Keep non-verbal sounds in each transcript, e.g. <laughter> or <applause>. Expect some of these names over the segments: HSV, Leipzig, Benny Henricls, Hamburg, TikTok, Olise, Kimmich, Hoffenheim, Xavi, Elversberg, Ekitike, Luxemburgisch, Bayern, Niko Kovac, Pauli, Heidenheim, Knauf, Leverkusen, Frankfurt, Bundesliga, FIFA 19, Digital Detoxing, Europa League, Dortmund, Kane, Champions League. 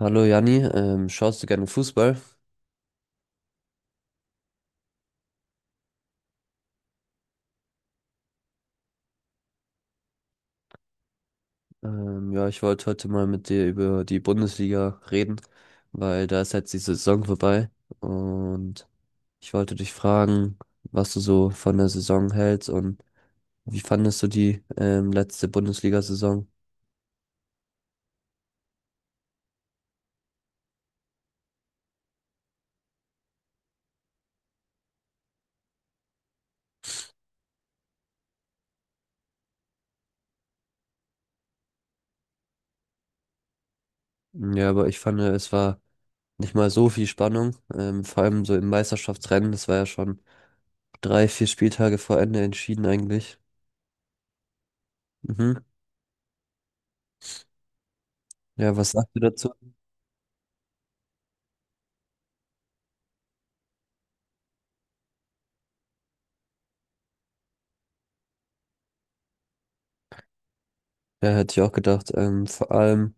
Hallo Janni, schaust du gerne Fußball? Ja, ich wollte heute mal mit dir über die Bundesliga reden, weil da ist jetzt die Saison vorbei und ich wollte dich fragen, was du so von der Saison hältst und wie fandest du die letzte Bundesliga-Saison? Ja, aber ich fand, es war nicht mal so viel Spannung, vor allem so im Meisterschaftsrennen, das war ja schon drei, vier Spieltage vor Ende entschieden eigentlich. Mhm. Ja, was sagst du dazu? Ja, hätte ich auch gedacht. Vor allem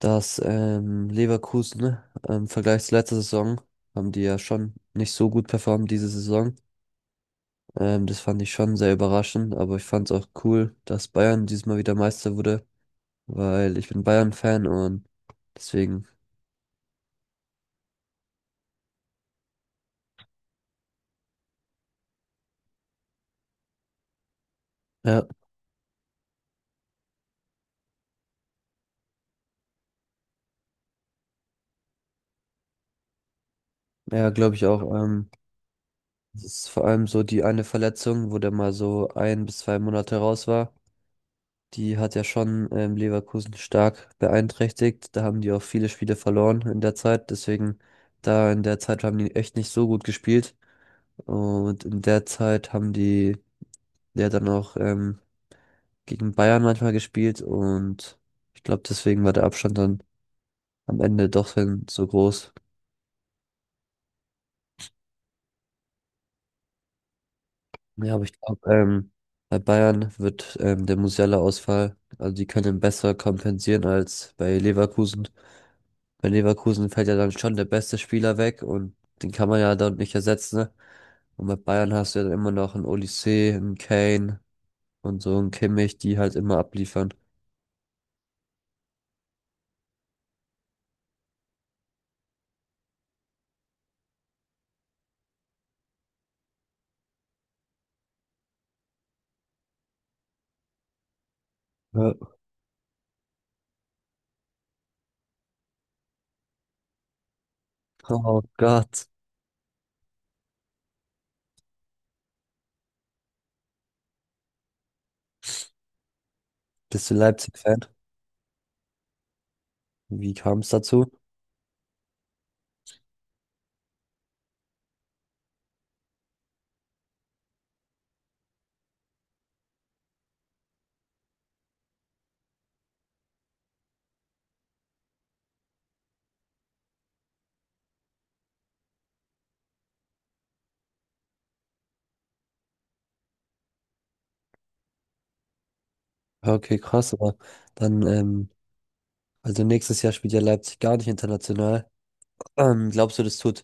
dass Leverkusen im Vergleich zur letzten Saison haben die ja schon nicht so gut performt diese Saison. Das fand ich schon sehr überraschend, aber ich fand es auch cool, dass Bayern diesmal wieder Meister wurde, weil ich bin Bayern-Fan und deswegen, ja, ja, glaube ich auch. Es ist vor allem so die eine Verletzung, wo der mal so ein bis zwei Monate raus war. Die hat ja schon Leverkusen stark beeinträchtigt. Da haben die auch viele Spiele verloren in der Zeit. Deswegen, da in der Zeit haben die echt nicht so gut gespielt. Und in der Zeit haben die ja dann auch gegen Bayern manchmal gespielt. Und ich glaube, deswegen war der Abstand dann am Ende doch dann so groß. Ja, aber ich glaube, bei Bayern wird der Musiala-Ausfall, also die können ihn besser kompensieren als bei Leverkusen. Bei Leverkusen fällt ja dann schon der beste Spieler weg und den kann man ja dort nicht ersetzen. Ne? Und bei Bayern hast du ja dann immer noch einen Olise, einen Kane und so einen Kimmich, die halt immer abliefern. Ja. Oh Gott, bist du Leipzig-Fan? Wie kam es dazu? Ja, okay, krass, aber dann, also nächstes Jahr spielt ja Leipzig gar nicht international. Glaubst du, das tut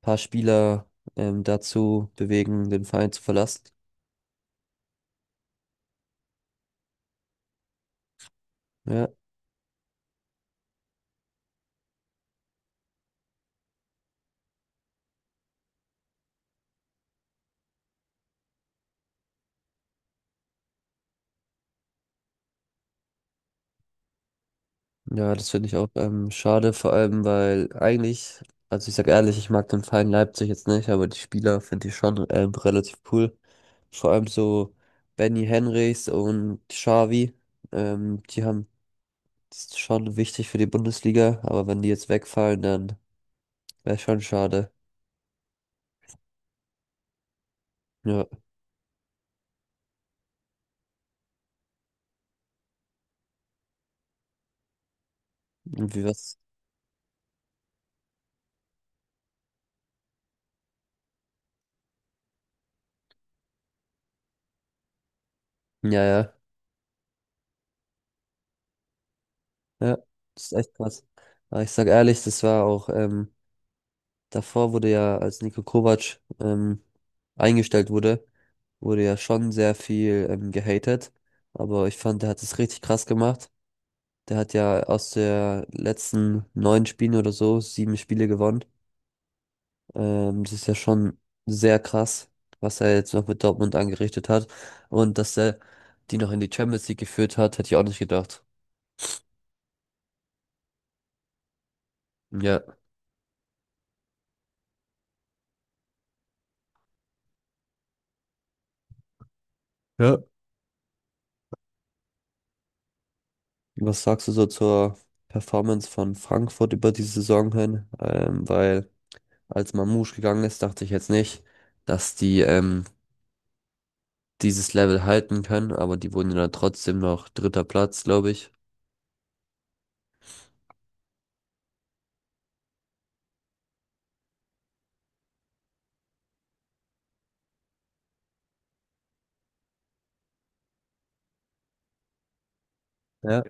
ein paar Spieler dazu bewegen, den Verein zu verlassen? Ja. Ja, das finde ich auch schade, vor allem, weil eigentlich, also ich sag ehrlich, ich mag den Verein Leipzig jetzt nicht, aber die Spieler finde ich schon relativ cool. Vor allem so Benny Henrichs und Xavi, die haben das ist schon wichtig für die Bundesliga, aber wenn die jetzt wegfallen, dann wäre schon schade. Ja, irgendwie was. Ja, ja, ja, das ist echt krass. Aber ich sag ehrlich, das war auch davor wurde ja, als Niko Kovac eingestellt wurde, wurde ja schon sehr viel gehatet. Aber ich fand, der hat es richtig krass gemacht. Der hat ja aus der letzten neun Spielen oder so sieben Spiele gewonnen. Das ist ja schon sehr krass, was er jetzt noch mit Dortmund angerichtet hat. Und dass er die noch in die Champions League geführt hat, hätte ich auch nicht gedacht. Ja. Ja. Was sagst du so zur Performance von Frankfurt über die Saison hin? Weil als Mamouche gegangen ist, dachte ich jetzt nicht, dass die dieses Level halten können, aber die wurden ja dann trotzdem noch dritter Platz, glaube ich. Ja.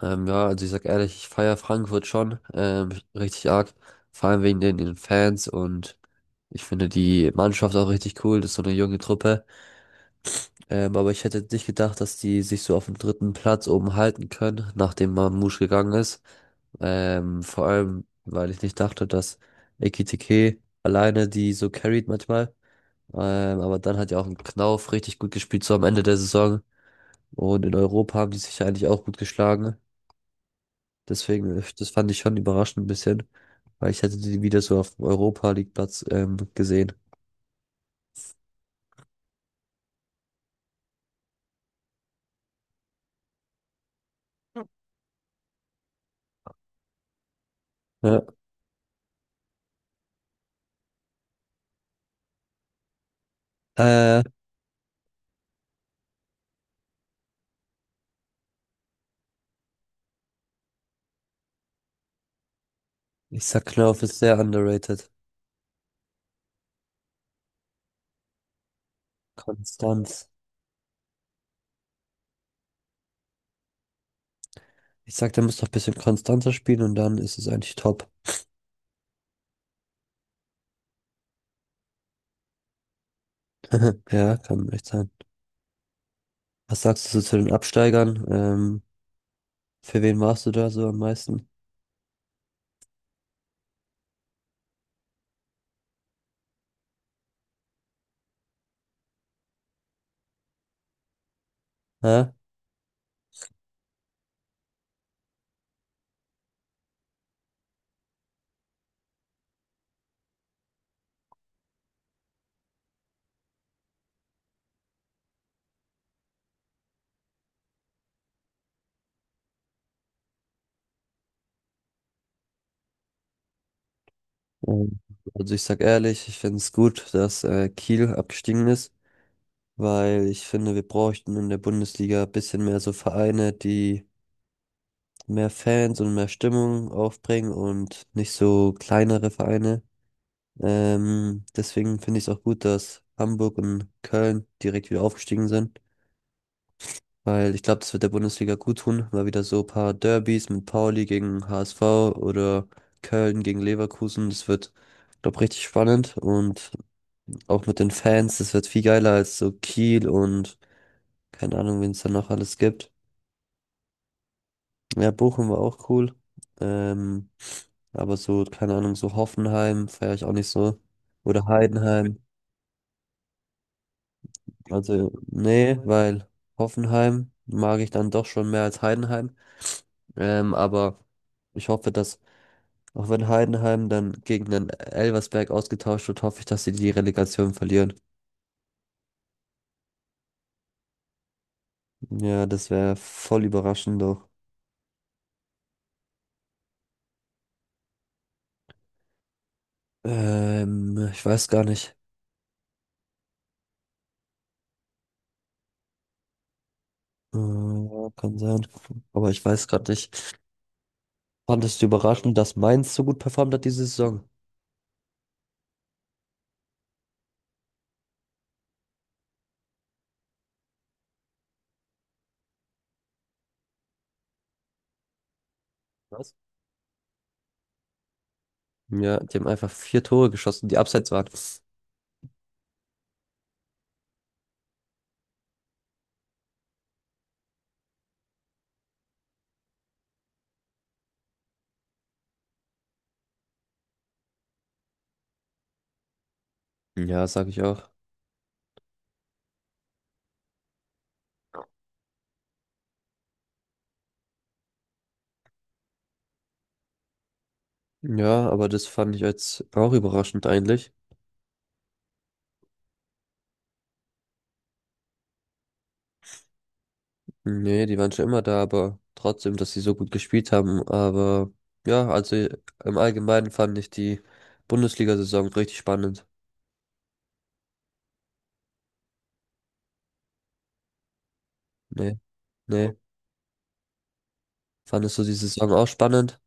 Ja, also ich sag ehrlich, ich feiere Frankfurt schon richtig arg, vor allem wegen den Fans und ich finde die Mannschaft auch richtig cool, das ist so eine junge Truppe. Aber ich hätte nicht gedacht, dass die sich so auf dem dritten Platz oben halten können, nachdem Mamouche gegangen ist. Vor allem, weil ich nicht dachte, dass Ekitike alleine die so carried manchmal. Aber dann hat ja auch ein Knauf richtig gut gespielt, so am Ende der Saison. Und in Europa haben die sich ja eigentlich auch gut geschlagen. Deswegen, das fand ich schon überraschend ein bisschen, weil ich hätte die wieder so auf dem Europa League Platz gesehen. Ja. Äh, Ich sag, Knauf ist sehr underrated. Konstanz. Ich sag, der muss noch ein bisschen konstanter spielen und dann ist es eigentlich top. <laughs> Ja, kann echt sein. Was sagst du so zu den Absteigern? Für wen warst du da so am meisten? Hä? Ähm, Also ich sag ehrlich, ich finde es gut, dass Kiel abgestiegen ist, weil ich finde, wir bräuchten in der Bundesliga ein bisschen mehr so Vereine, die mehr Fans und mehr Stimmung aufbringen und nicht so kleinere Vereine. Deswegen finde ich es auch gut, dass Hamburg und Köln direkt wieder aufgestiegen sind, weil ich glaube, das wird der Bundesliga gut tun, mal wieder so ein paar Derbys mit Pauli gegen HSV oder Köln gegen Leverkusen, das wird, glaube richtig spannend und auch mit den Fans, das wird viel geiler als so Kiel und keine Ahnung, wen es da noch alles gibt. Ja, Bochum war auch cool. Ähm, aber so, keine Ahnung, so Hoffenheim feiere ich auch nicht so. Oder Heidenheim. Also, nee, weil Hoffenheim mag ich dann doch schon mehr als Heidenheim. Aber ich hoffe, dass, auch wenn Heidenheim dann gegen den Elversberg ausgetauscht wird, hoffe ich, dass sie die Relegation verlieren. Ja, das wäre voll überraschend doch. Ich weiß gar nicht. Ja, kann sein. Aber ich weiß gerade nicht. Fandest du überraschend, dass Mainz so gut performt hat diese Saison? Was? Ja, die haben einfach 4 Tore geschossen, die abseits waren. Ja, sag ich auch. Ja, aber das fand ich jetzt auch überraschend eigentlich. Nee, die waren schon immer da, aber trotzdem, dass sie so gut gespielt haben. Aber ja, also im Allgemeinen fand ich die Bundesliga-Saison richtig spannend. Nee, nee. Fandest du die Saison auch spannend?